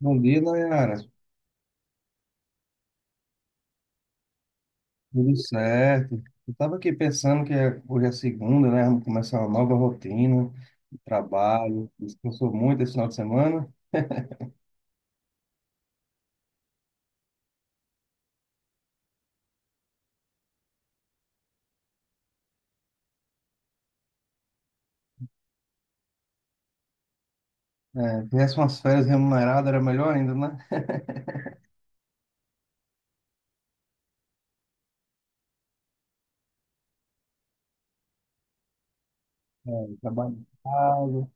Bom dia, Nayara. Tudo certo? Eu estava aqui pensando que hoje é segunda, né? Vamos começar uma nova rotina de trabalho. Descansou muito esse final de semana. É, tivesse umas férias remuneradas, era melhor ainda, né? É, trabalho em casa,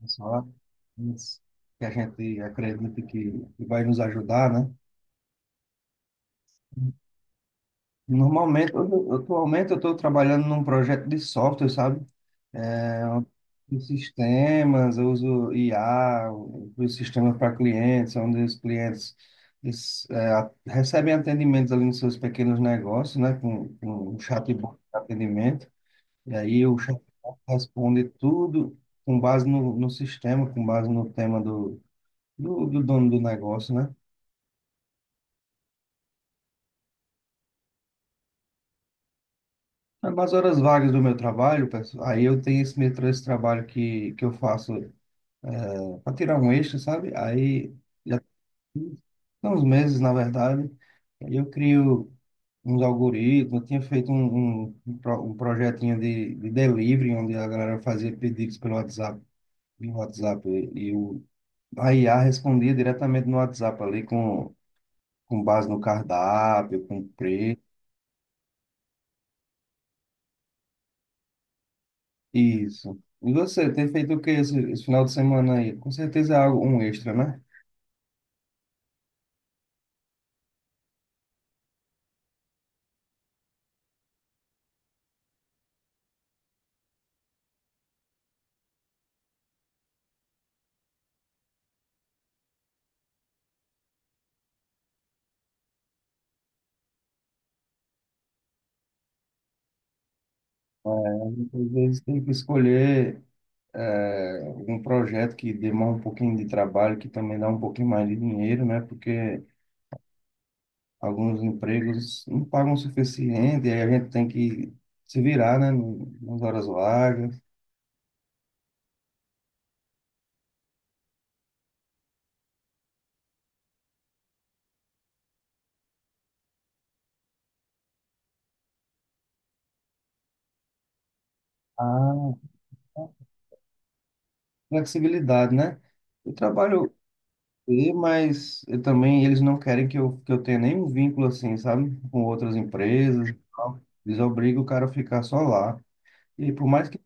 pessoal, isso que a gente acredita que vai nos ajudar, né? Normalmente, atualmente, eu estou trabalhando num projeto de software, sabe? Os sistemas, eu uso IA, os sistemas para clientes, onde os clientes eles, recebem atendimentos ali nos seus pequenos negócios, né, com um chatbot de atendimento, e aí o chatbot responde tudo com base no sistema, com base no tema do dono do negócio, né? Mas nas horas vagas do meu trabalho, pessoal, aí eu tenho esse metrô, esse trabalho que eu faço para tirar um eixo, sabe? Aí uns meses, na verdade. Aí eu crio uns algoritmos, eu tinha feito um projetinho de delivery, onde a galera fazia pedidos pelo WhatsApp, via WhatsApp, e a IA respondia diretamente no WhatsApp ali, com base no cardápio, com preço, isso. E você, tem feito o que esse final de semana aí? Com certeza é algo, um extra, né? Às vezes tem que escolher é, um projeto que demora um pouquinho de trabalho, que também dá um pouquinho mais de dinheiro, né? Porque alguns empregos não pagam o suficiente, e aí a gente tem que se virar, né? Nas horas vagas. Ah, flexibilidade, né? Eu trabalho, mas eu também eles não querem que eu tenha nenhum vínculo assim, sabe? Com outras empresas e tal. Eles obrigam o cara a ficar só lá. E por mais que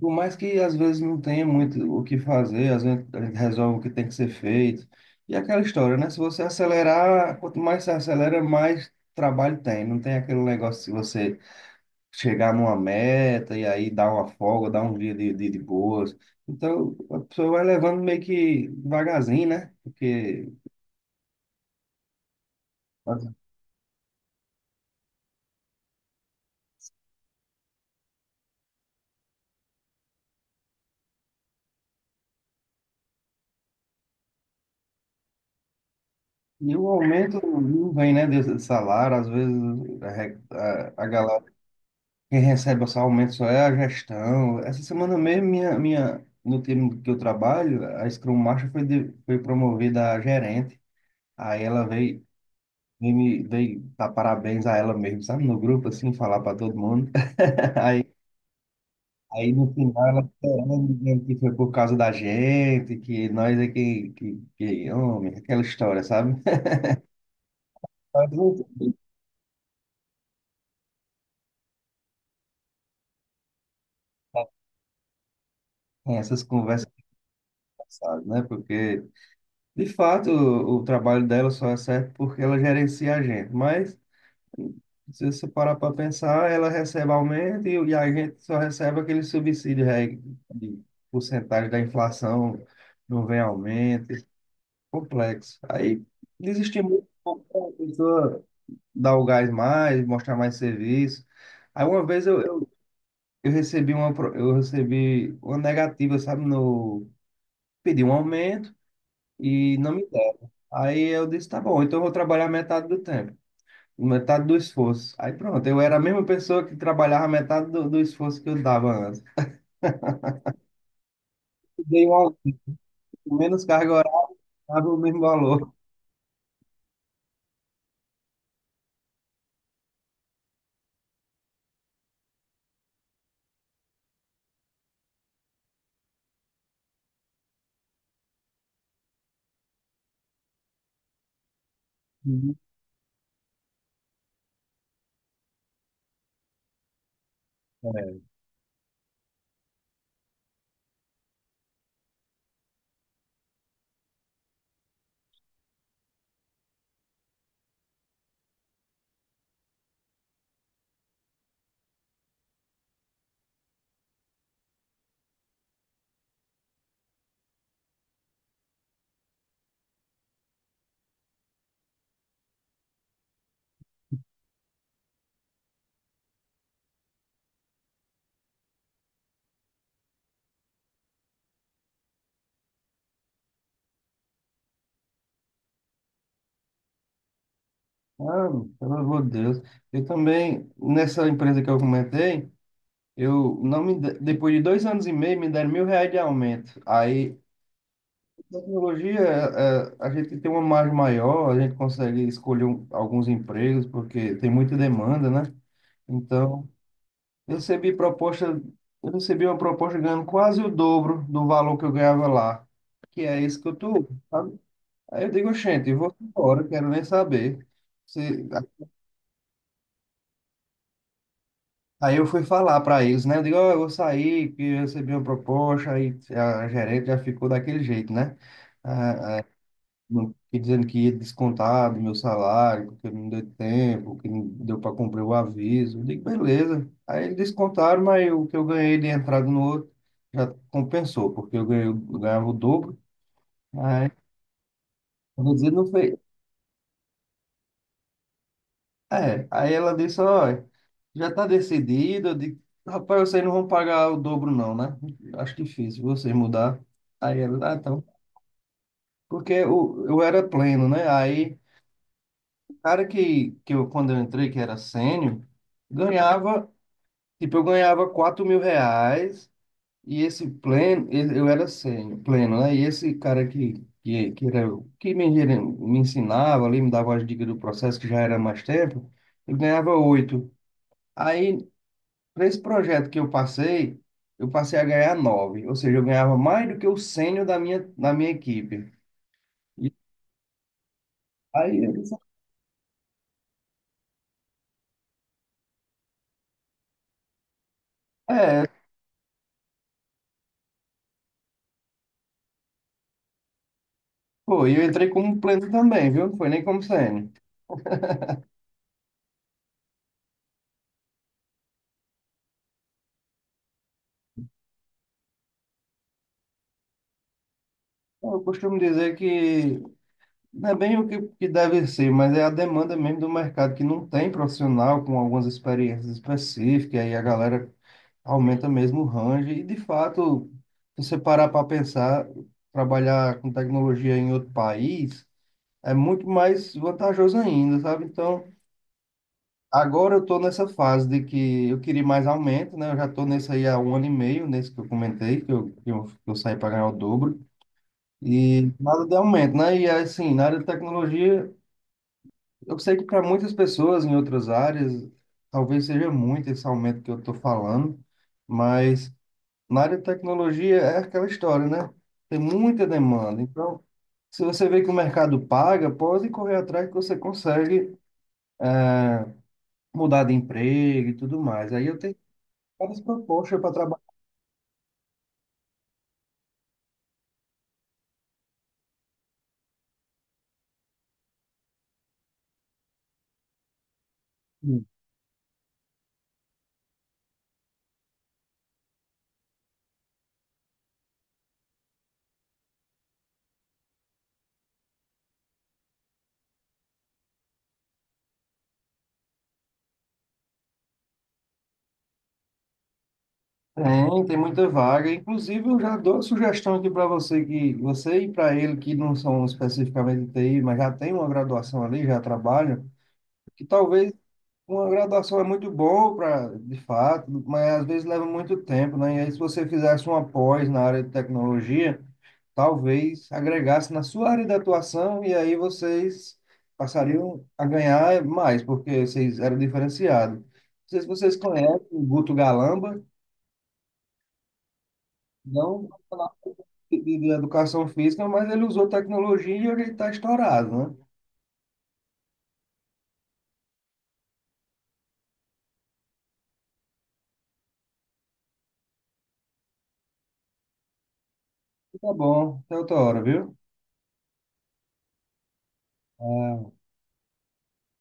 Por mais que às vezes não tenha muito o que fazer, às vezes a gente resolve o que tem que ser feito. E aquela história, né? Se você acelerar, quanto mais você acelera, mais trabalho tem. Não tem aquele negócio de você chegar numa meta e aí dar uma folga, dar um dia de boas. Então, a pessoa vai levando meio que devagarzinho, né? Porque. E o aumento não vem, né? De salário, às vezes a, re- a galera. Quem recebe esse aumento só é a gestão. Essa semana mesmo, no time que eu trabalho, a Scrum Master foi promovida a gerente. Aí ela veio dar parabéns a ela mesmo, sabe? No grupo, assim, falar para todo mundo. Aí, no final ela chorando, dizendo que foi por causa da gente, que nós é que homem, aquela história, sabe? Mas não. Tem essas conversas passadas, né? Porque De fato, o trabalho dela só é certo porque ela gerencia a gente, mas se você parar para pensar, ela recebe aumento e a gente só recebe aquele subsídio de porcentagem da inflação, não vem aumento, é complexo. Aí desestimula um pouco a pessoa dar o gás mais, mostrar mais serviço. Aí uma vez eu recebi uma negativa, sabe, no, pedi um aumento e não me deram. Aí eu disse, tá bom, então eu vou trabalhar metade do tempo, metade do esforço. Aí pronto, eu era a mesma pessoa que trabalhava metade do esforço que eu dava antes. Dei um menos carga horária, dava o mesmo valor. Uhum. É. Ah, pelo amor de Deus. Eu também, nessa empresa que eu comentei, eu não me, depois de 2 anos e meio, me deram R$ 1.000 de aumento. Aí, tecnologia, a gente tem uma margem maior, a gente consegue escolher alguns empregos, porque tem muita demanda, né? Então, eu recebi proposta, eu recebi uma proposta ganhando quase o dobro do valor que eu ganhava lá, que é isso que eu tô, sabe? Aí eu digo, gente, eu vou embora, quero nem saber. Se- Aí eu fui falar para eles, né? Eu digo, ó, eu vou sair, que eu recebi uma proposta, aí a gerente já ficou daquele jeito, né? Ah, não fiquei dizendo que ia descontar do meu salário, porque não deu tempo, que não deu para cumprir o aviso. Eu digo, beleza. Aí eles descontaram, mas o que eu ganhei de entrada no outro já compensou, porque eu ganhei, eu ganhava o dobro. Aí, eu vou dizer, não foi. É, aí ela disse, olha, já está decidido. Eu digo, rapaz, vocês não vão pagar o dobro não, né? Acho difícil vocês mudar. Aí ela, ah, então. Porque eu era pleno, né? Aí cara que eu, quando eu entrei, que era sênior, ganhava, tipo, eu ganhava R$ 4.000 e esse pleno, eu era sênior, pleno, né? E esse cara que, era, que me, me ensinava ali, me dava as dicas do processo, que já era mais tempo, ele ganhava oito. Aí, para esse projeto que eu passei a ganhar nove, ou seja, eu ganhava mais do que o sênior da minha equipe. E aí, eu disse, é, pô, e eu entrei como pleno também, viu? Não foi nem como sênior. Eu costumo dizer que não é bem o que deve ser, mas é a demanda mesmo do mercado, que não tem profissional com algumas experiências específicas, aí a galera aumenta mesmo o range, e de fato, se você parar para pensar, trabalhar com tecnologia em outro país é muito mais vantajoso ainda, sabe? Então, agora eu estou nessa fase de que eu queria mais aumento, né? Eu já estou nesse aí há um ano e meio, nesse que eu comentei, que eu saí para ganhar o dobro. E nada de aumento, né? E assim, na área de tecnologia, eu sei que para muitas pessoas em outras áreas, talvez seja muito esse aumento que eu estou falando, mas na área de tecnologia é aquela história, né? Tem muita demanda. Então, se você vê que o mercado paga, pode correr atrás que você consegue mudar de emprego e tudo mais. Aí eu tenho várias propostas para trabalhar. Tem muita vaga. Inclusive, eu já dou a sugestão aqui para você que você e para ele que não são especificamente de TI, mas já tem uma graduação ali, já trabalham, que talvez uma graduação é muito boa para, de fato, mas às vezes leva muito tempo, né? E aí, se você fizesse uma pós na área de tecnologia, talvez agregasse na sua área de atuação e aí vocês passariam a ganhar mais, porque vocês eram diferenciados. Não sei se vocês conhecem o Guto Galamba, não de educação física, mas ele usou tecnologia e ele está estourado, né? Tá bom, até outra hora, viu? Ah,